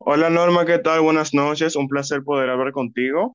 Hola Norma, ¿qué tal? Buenas noches, un placer poder hablar contigo.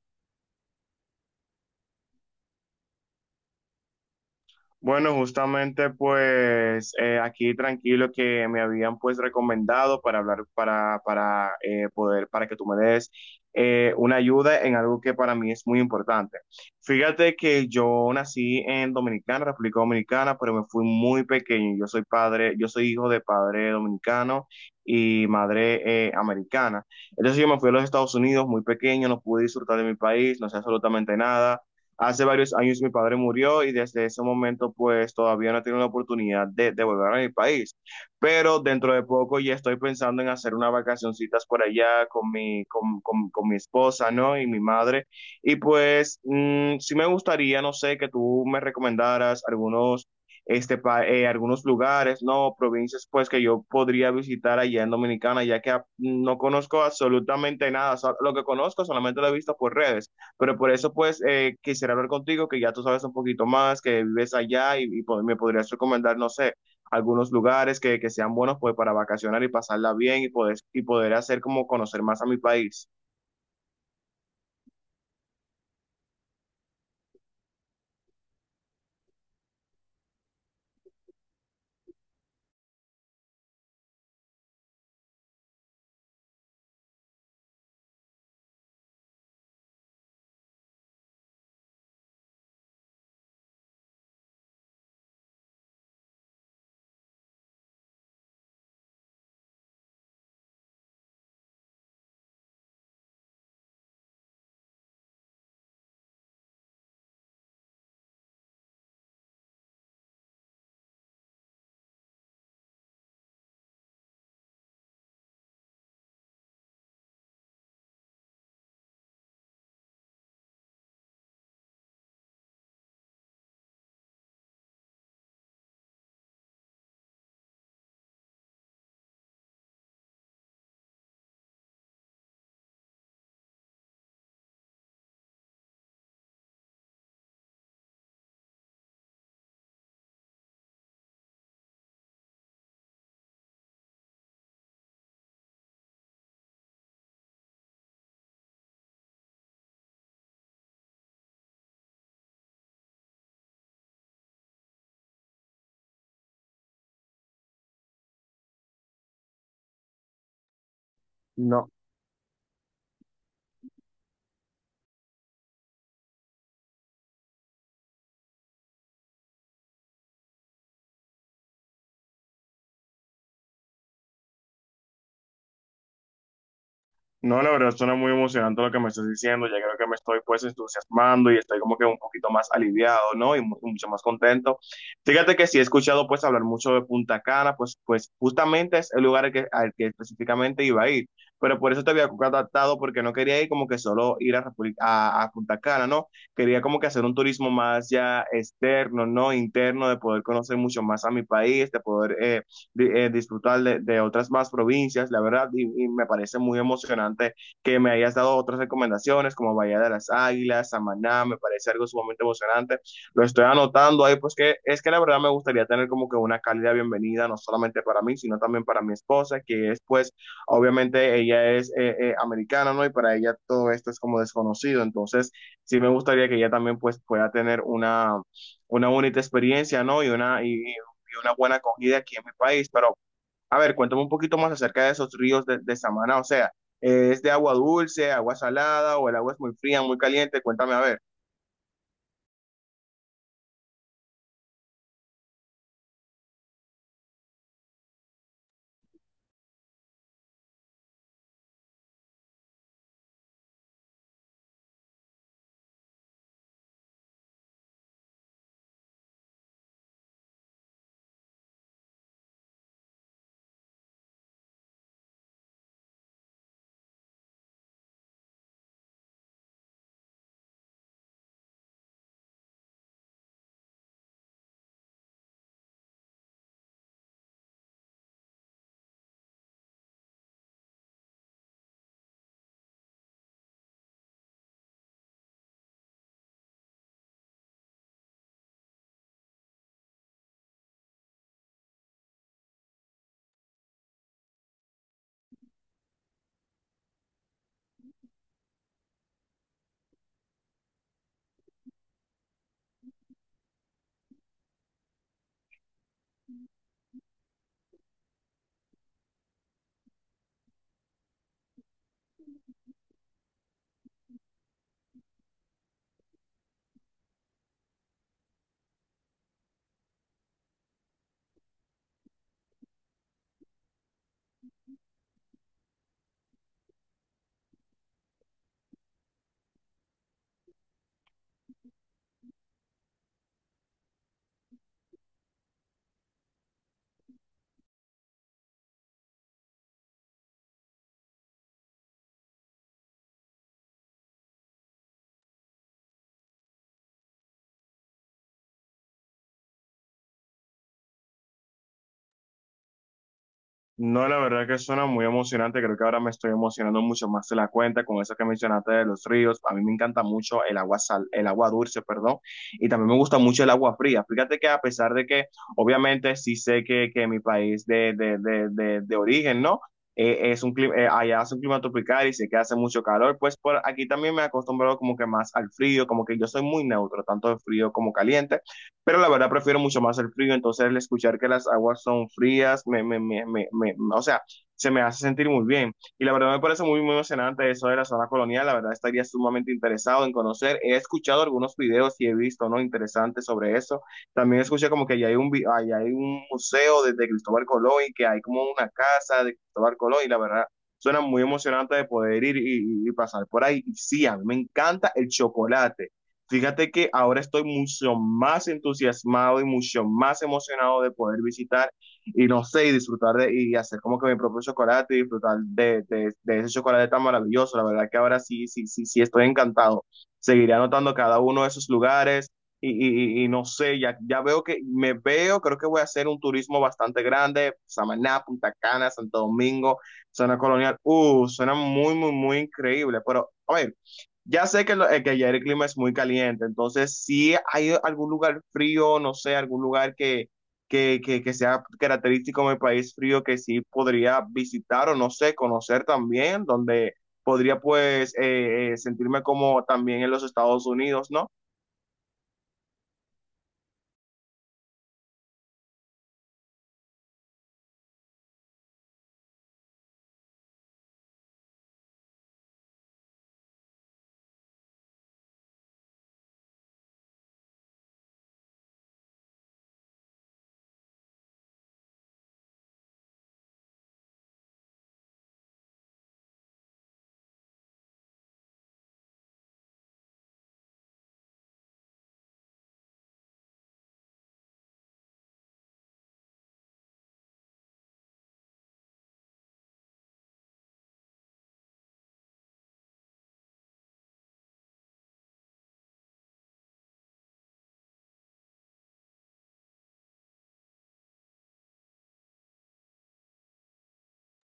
Bueno, justamente pues aquí tranquilo que me habían pues recomendado para hablar, para poder, para que tú me des una ayuda en algo que para mí es muy importante. Fíjate que yo nací en Dominicana, República Dominicana, pero me fui muy pequeño. Yo soy padre, yo soy hijo de padre dominicano y madre americana. Entonces yo me fui a los Estados Unidos muy pequeño, no pude disfrutar de mi país, no sé absolutamente nada. Hace varios años mi padre murió y desde ese momento pues todavía no he tenido la oportunidad de volver a mi país. Pero dentro de poco ya estoy pensando en hacer unas vacacioncitas por allá con con mi esposa, ¿no? Y mi madre. Y pues sí me gustaría, no sé, que tú me recomendaras algunos, este, algunos lugares, ¿no? Provincias pues que yo podría visitar allá en Dominicana, ya que no conozco absolutamente nada. O sea, lo que conozco solamente lo he visto por redes. Pero por eso, pues, quisiera hablar contigo, que ya tú sabes un poquito más, que vives allá y me podrías recomendar, no sé, algunos lugares que sean buenos, pues, para vacacionar y pasarla bien y poder hacer como conocer más a mi país. No. No, la verdad suena muy emocionante lo que me estás diciendo. Ya creo que me estoy pues entusiasmando y estoy como que un poquito más aliviado, ¿no? Y mucho más contento. Fíjate que sí he escuchado pues hablar mucho de Punta Cana, pues, pues justamente es el lugar al que específicamente iba a ir. Pero por eso te había contactado porque no quería ir como que solo ir a, República- a Punta Cana, ¿no? Quería como que hacer un turismo más ya externo, ¿no? Interno, de poder conocer mucho más a mi país, de poder disfrutar de otras más provincias, la verdad, y, me parece muy emocionante que me hayas dado otras recomendaciones como Bahía de las Águilas, Samaná, me parece algo sumamente emocionante. Lo estoy anotando ahí, pues que es que la verdad me gustaría tener como que una cálida bienvenida, no solamente para mí, sino también para mi esposa, que es pues, obviamente ella es americana, ¿no? Y para ella todo esto es como desconocido, entonces sí me gustaría que ella también pues pueda tener una bonita experiencia, ¿no? Y una, y dio una buena acogida aquí en mi país. Pero, a ver, cuéntame un poquito más acerca de esos ríos de Samaná. O sea, ¿es de agua dulce, agua salada o el agua es muy fría, muy caliente? Cuéntame, a ver. No, la verdad que suena muy emocionante. Creo que ahora me estoy emocionando mucho más de la cuenta con eso que mencionaste de los ríos. A mí me encanta mucho el agua sal, el agua dulce, perdón, y también me gusta mucho el agua fría. Fíjate que a pesar de que, obviamente, sí sé que mi país de origen, ¿no? Es un clima, allá hace un clima tropical y sé que hace mucho calor, pues por aquí también me he acostumbrado como que más al frío, como que yo soy muy neutro, tanto de frío como caliente, pero la verdad prefiero mucho más el frío, entonces el escuchar que las aguas son frías, o sea, se me hace sentir muy bien. Y la verdad me parece muy, muy emocionante eso de la zona colonial, la verdad estaría sumamente interesado en conocer. He escuchado algunos videos y he visto, ¿no? Interesantes sobre eso. También escuché como que allá hay un, allá hay un museo de Cristóbal Colón y que hay como una casa de Cristóbal Colón y la verdad... Suena muy emocionante de poder ir y pasar por ahí. Y sí, a mí me encanta el chocolate. Fíjate que ahora estoy mucho más entusiasmado y mucho más emocionado de poder visitar y no sé, y disfrutar de, y hacer como que mi propio chocolate y disfrutar de ese chocolate tan maravilloso. La verdad que ahora sí, sí, sí, sí estoy encantado. Seguiré anotando cada uno de esos lugares y no sé, ya, ya veo que me veo, creo que voy a hacer un turismo bastante grande, Samaná, Punta Cana, Santo Domingo, zona colonial. Suena muy, muy, muy increíble, pero... oye, ya sé que, que ya el clima es muy caliente, entonces si hay algún lugar frío, no sé, algún lugar que sea característico de mi país frío que sí podría visitar o no sé, conocer también, donde podría pues sentirme como también en los Estados Unidos, ¿no?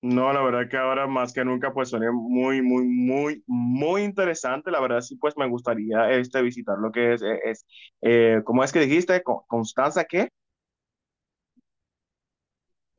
No, la verdad que ahora más que nunca pues suena muy, muy, muy, muy interesante. La verdad sí pues me gustaría este visitar lo que es ¿cómo es que dijiste? Constanza, ¿qué?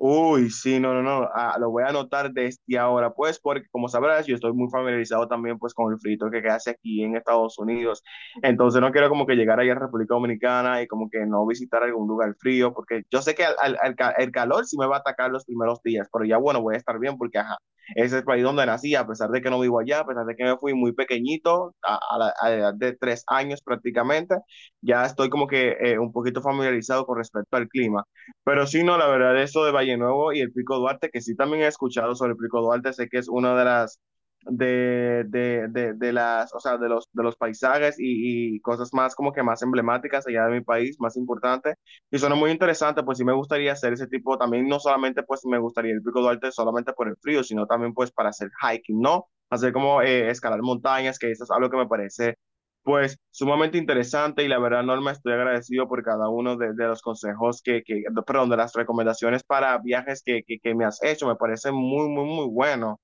Uy, sí, no, no, no, ah, lo voy a anotar desde ahora, pues, porque como sabrás, yo estoy muy familiarizado también, pues, con el frito que hace aquí en Estados Unidos. Entonces, no quiero como que llegar allá a República Dominicana y como que no visitar algún lugar frío, porque yo sé que el calor sí me va a atacar los primeros días, pero ya, bueno, voy a estar bien porque, ajá, ese es el país donde nací, a pesar de que no vivo allá, a pesar de que me fui muy pequeñito, a la edad de 3 años prácticamente, ya estoy como que un poquito familiarizado con respecto al clima. Pero sí, no, la verdad, eso de Valle Nuevo y el Pico Duarte, que sí también he escuchado sobre el Pico Duarte, sé que es una de las, de las, o sea, de los paisajes y cosas más como que más emblemáticas allá de mi país, más importantes, y suena muy interesante, pues sí me gustaría hacer ese tipo, también no solamente pues me gustaría el Pico Duarte solamente por el frío, sino también pues para hacer hiking, ¿no? Hacer como escalar montañas, que eso es algo que me parece pues sumamente interesante y la verdad, Norma, estoy agradecido por cada uno de los consejos que, perdón, de las recomendaciones para viajes que me has hecho. Me parece muy, muy, muy bueno.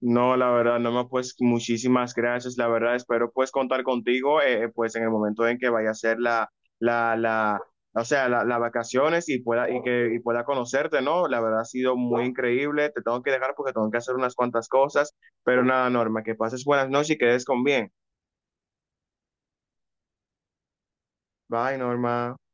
No, la verdad, Norma, pues muchísimas gracias. La verdad, espero pues contar contigo, pues en el momento en que vaya a ser la, la, o sea, la, las vacaciones y pueda, y que, y pueda conocerte, ¿no? La verdad ha sido muy increíble. Te tengo que dejar porque tengo que hacer unas cuantas cosas. Pero nada, Norma, que pases buenas noches y quedes con bien. Bye, Norma.